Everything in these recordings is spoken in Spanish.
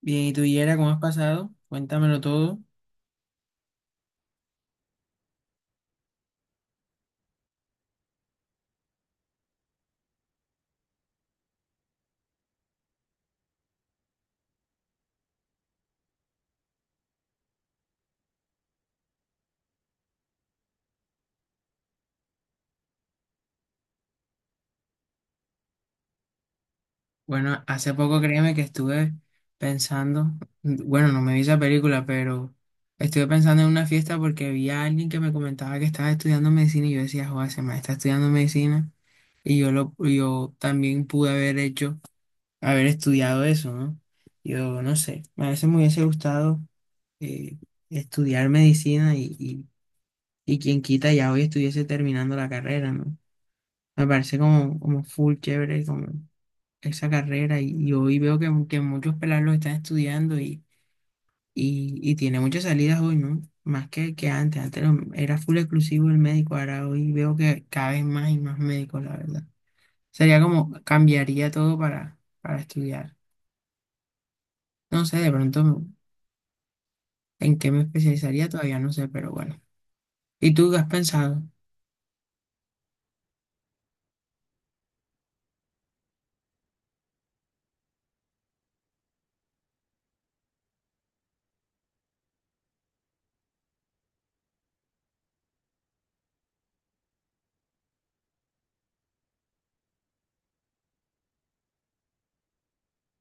Bien, ¿y tú, Yera, cómo has pasado? Cuéntamelo todo. Bueno, hace poco créeme que estuve pensando, bueno, no me vi esa película, pero estuve pensando en una fiesta porque vi a alguien que me comentaba que estaba estudiando medicina y yo decía, joder, ese man está estudiando medicina y yo también pude haber hecho, haber estudiado eso, ¿no? Yo no sé, a veces me hubiese gustado eh, estudiar medicina y quien quita ya hoy estuviese terminando la carrera, ¿no? Me parece como, como full chévere como esa carrera y hoy veo que muchos pelados lo están estudiando y tiene muchas salidas hoy, ¿no? Más que antes, era full exclusivo el médico, ahora hoy veo que cada vez más y más médicos, la verdad. Sería como cambiaría todo para estudiar. No sé, de pronto en qué me especializaría todavía no sé, pero bueno. ¿Y tú qué has pensado?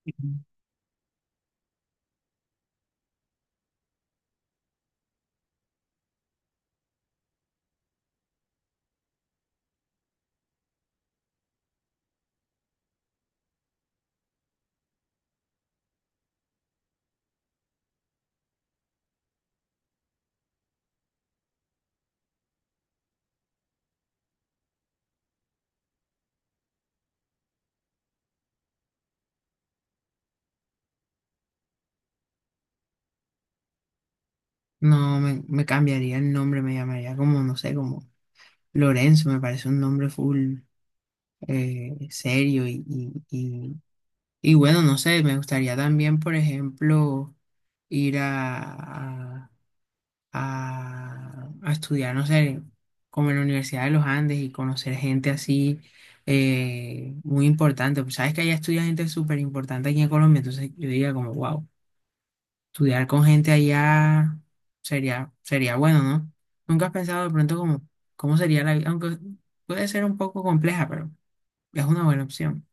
Ujú. No, me cambiaría el nombre, me llamaría como, no sé, como Lorenzo, me parece un nombre full. Serio y bueno, no sé, me gustaría también, por ejemplo, ir a, a estudiar, no sé, como en la Universidad de los Andes y conocer gente así, muy importante. Pues, sabes que allá estudia gente súper importante aquí en Colombia, entonces yo diría como, wow, estudiar con gente allá sería, sería bueno, ¿no? ¿Nunca has pensado de pronto como, cómo sería la vida? Aunque puede ser un poco compleja, pero es una buena opción.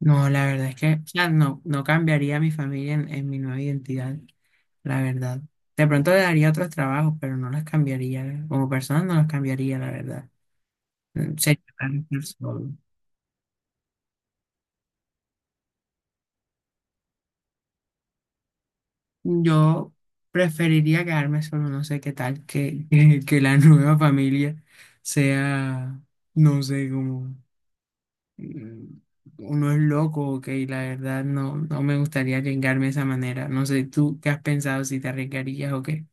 No, la verdad es que, o sea, no, no cambiaría a mi familia en mi nueva identidad, la verdad. De pronto le daría otros trabajos, pero no las cambiaría. Como persona no las cambiaría, la verdad. Mm, sería mejor estar solo. Yo preferiría quedarme solo, no sé qué tal, que la nueva familia sea, no sé, como mm, uno es loco, ok, la verdad no, no me gustaría arriesgarme de esa manera. No sé, ¿tú qué has pensado si te arriesgarías o qué?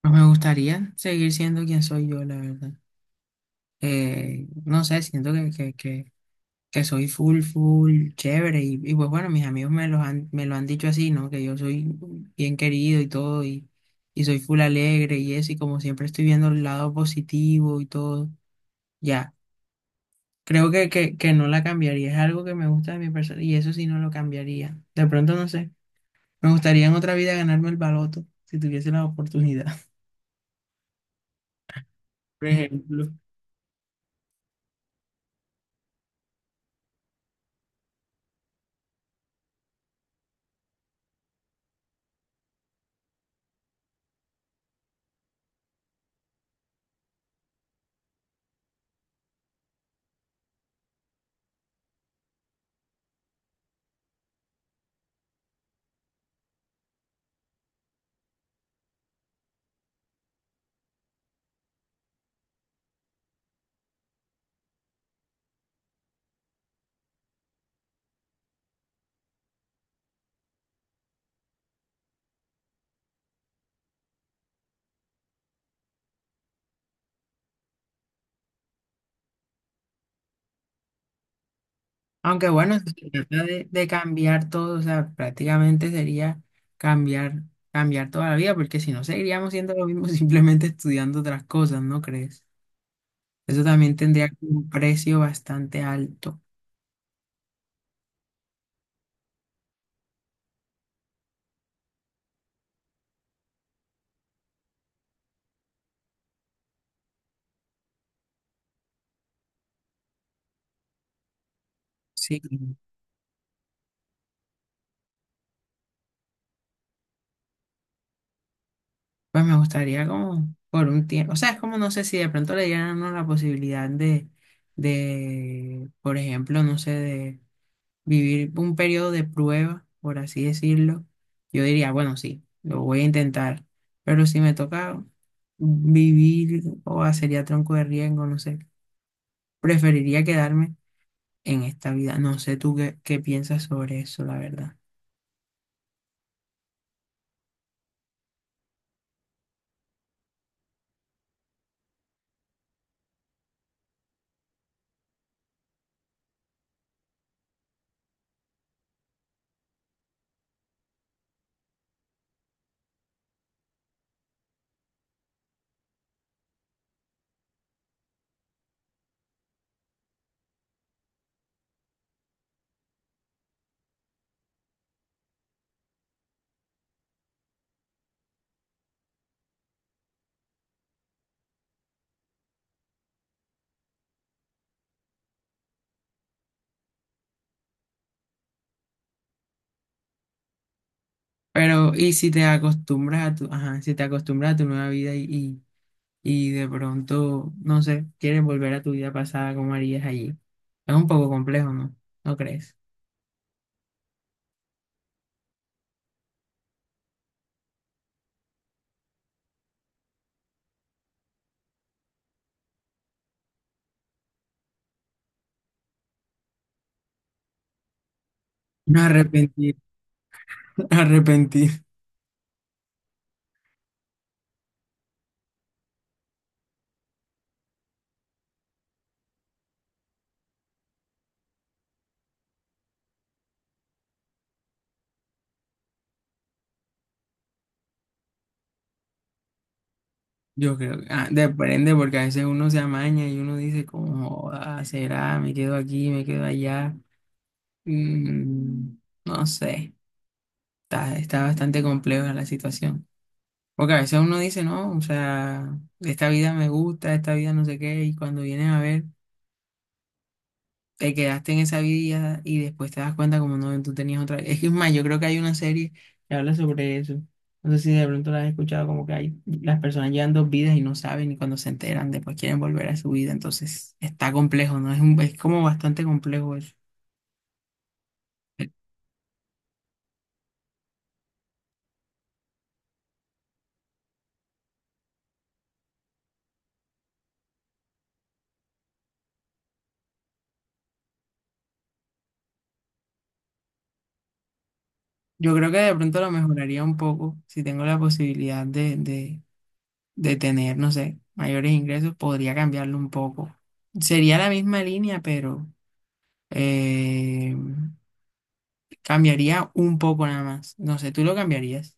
Pues me gustaría seguir siendo quien soy yo, la verdad. No sé, siento que soy full, full, chévere. Y pues bueno, mis amigos me los han, me lo han dicho así, ¿no? Que yo soy bien querido y todo, y soy full alegre y eso, y como siempre estoy viendo el lado positivo y todo. Ya, creo que no la cambiaría. Es algo que me gusta de mi persona y eso sí no lo cambiaría. De pronto, no sé, me gustaría en otra vida ganarme el baloto si tuviese la oportunidad, por ejemplo. Aunque bueno, si se trata de cambiar todo, o sea, prácticamente sería cambiar, cambiar toda la vida, porque si no seguiríamos siendo lo mismo simplemente estudiando otras cosas, ¿no crees? Eso también tendría como un precio bastante alto. Sí, pues me gustaría como por un tiempo, o sea, es como no sé si de pronto le dieran a uno la posibilidad de por ejemplo, no sé, de vivir un periodo de prueba, por así decirlo, yo diría, bueno, sí, lo voy a intentar, pero si me toca vivir o hacer ya tronco de riesgo, no sé, preferiría quedarme en esta vida. No sé tú qué, qué piensas sobre eso, la verdad. Pero, ¿y si te acostumbras a tu, ajá, si te acostumbras a tu nueva vida y y de pronto, no sé, quieres volver a tu vida pasada, ¿cómo harías allí? Es un poco complejo, ¿no? ¿No crees? No arrepentir, arrepentir. Yo creo que ah, depende porque a veces uno se amaña y uno dice como, "Joda, será, me quedo aquí, me quedo allá". Mm, no sé, está, está bastante compleja la situación. Porque a veces uno dice, no, o sea, esta vida me gusta, esta vida no sé qué, y cuando vienen a ver... te quedaste en esa vida y después te das cuenta como no, tú tenías otra. Es que es más, yo creo que hay una serie que habla sobre eso. No sé si de pronto la has escuchado, como que hay, las personas llevan dos vidas y no saben y cuando se enteran después quieren volver a su vida. Entonces está complejo, ¿no? Es como bastante complejo eso. Yo creo que de pronto lo mejoraría un poco si tengo la posibilidad de de tener, no sé, mayores ingresos, podría cambiarlo un poco. Sería la misma línea, pero... eh, cambiaría un poco nada más. No sé, ¿tú lo cambiarías?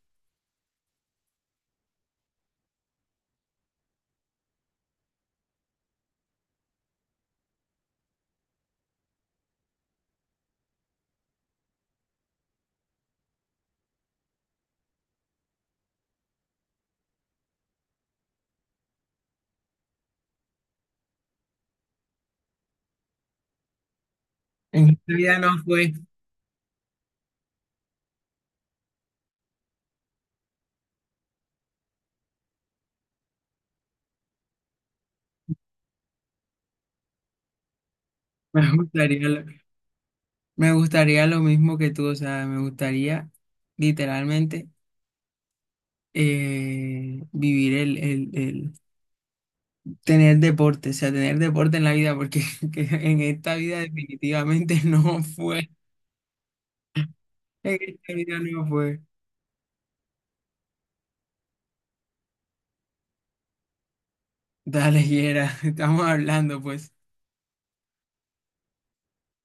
En esta vida no fue. Me gustaría lo, me gustaría lo mismo que tú, o sea, me gustaría literalmente, vivir tener deporte, o sea, tener deporte en la vida, porque que en esta vida definitivamente no fue. En esta vida no fue. Dale, Yera, estamos hablando, pues.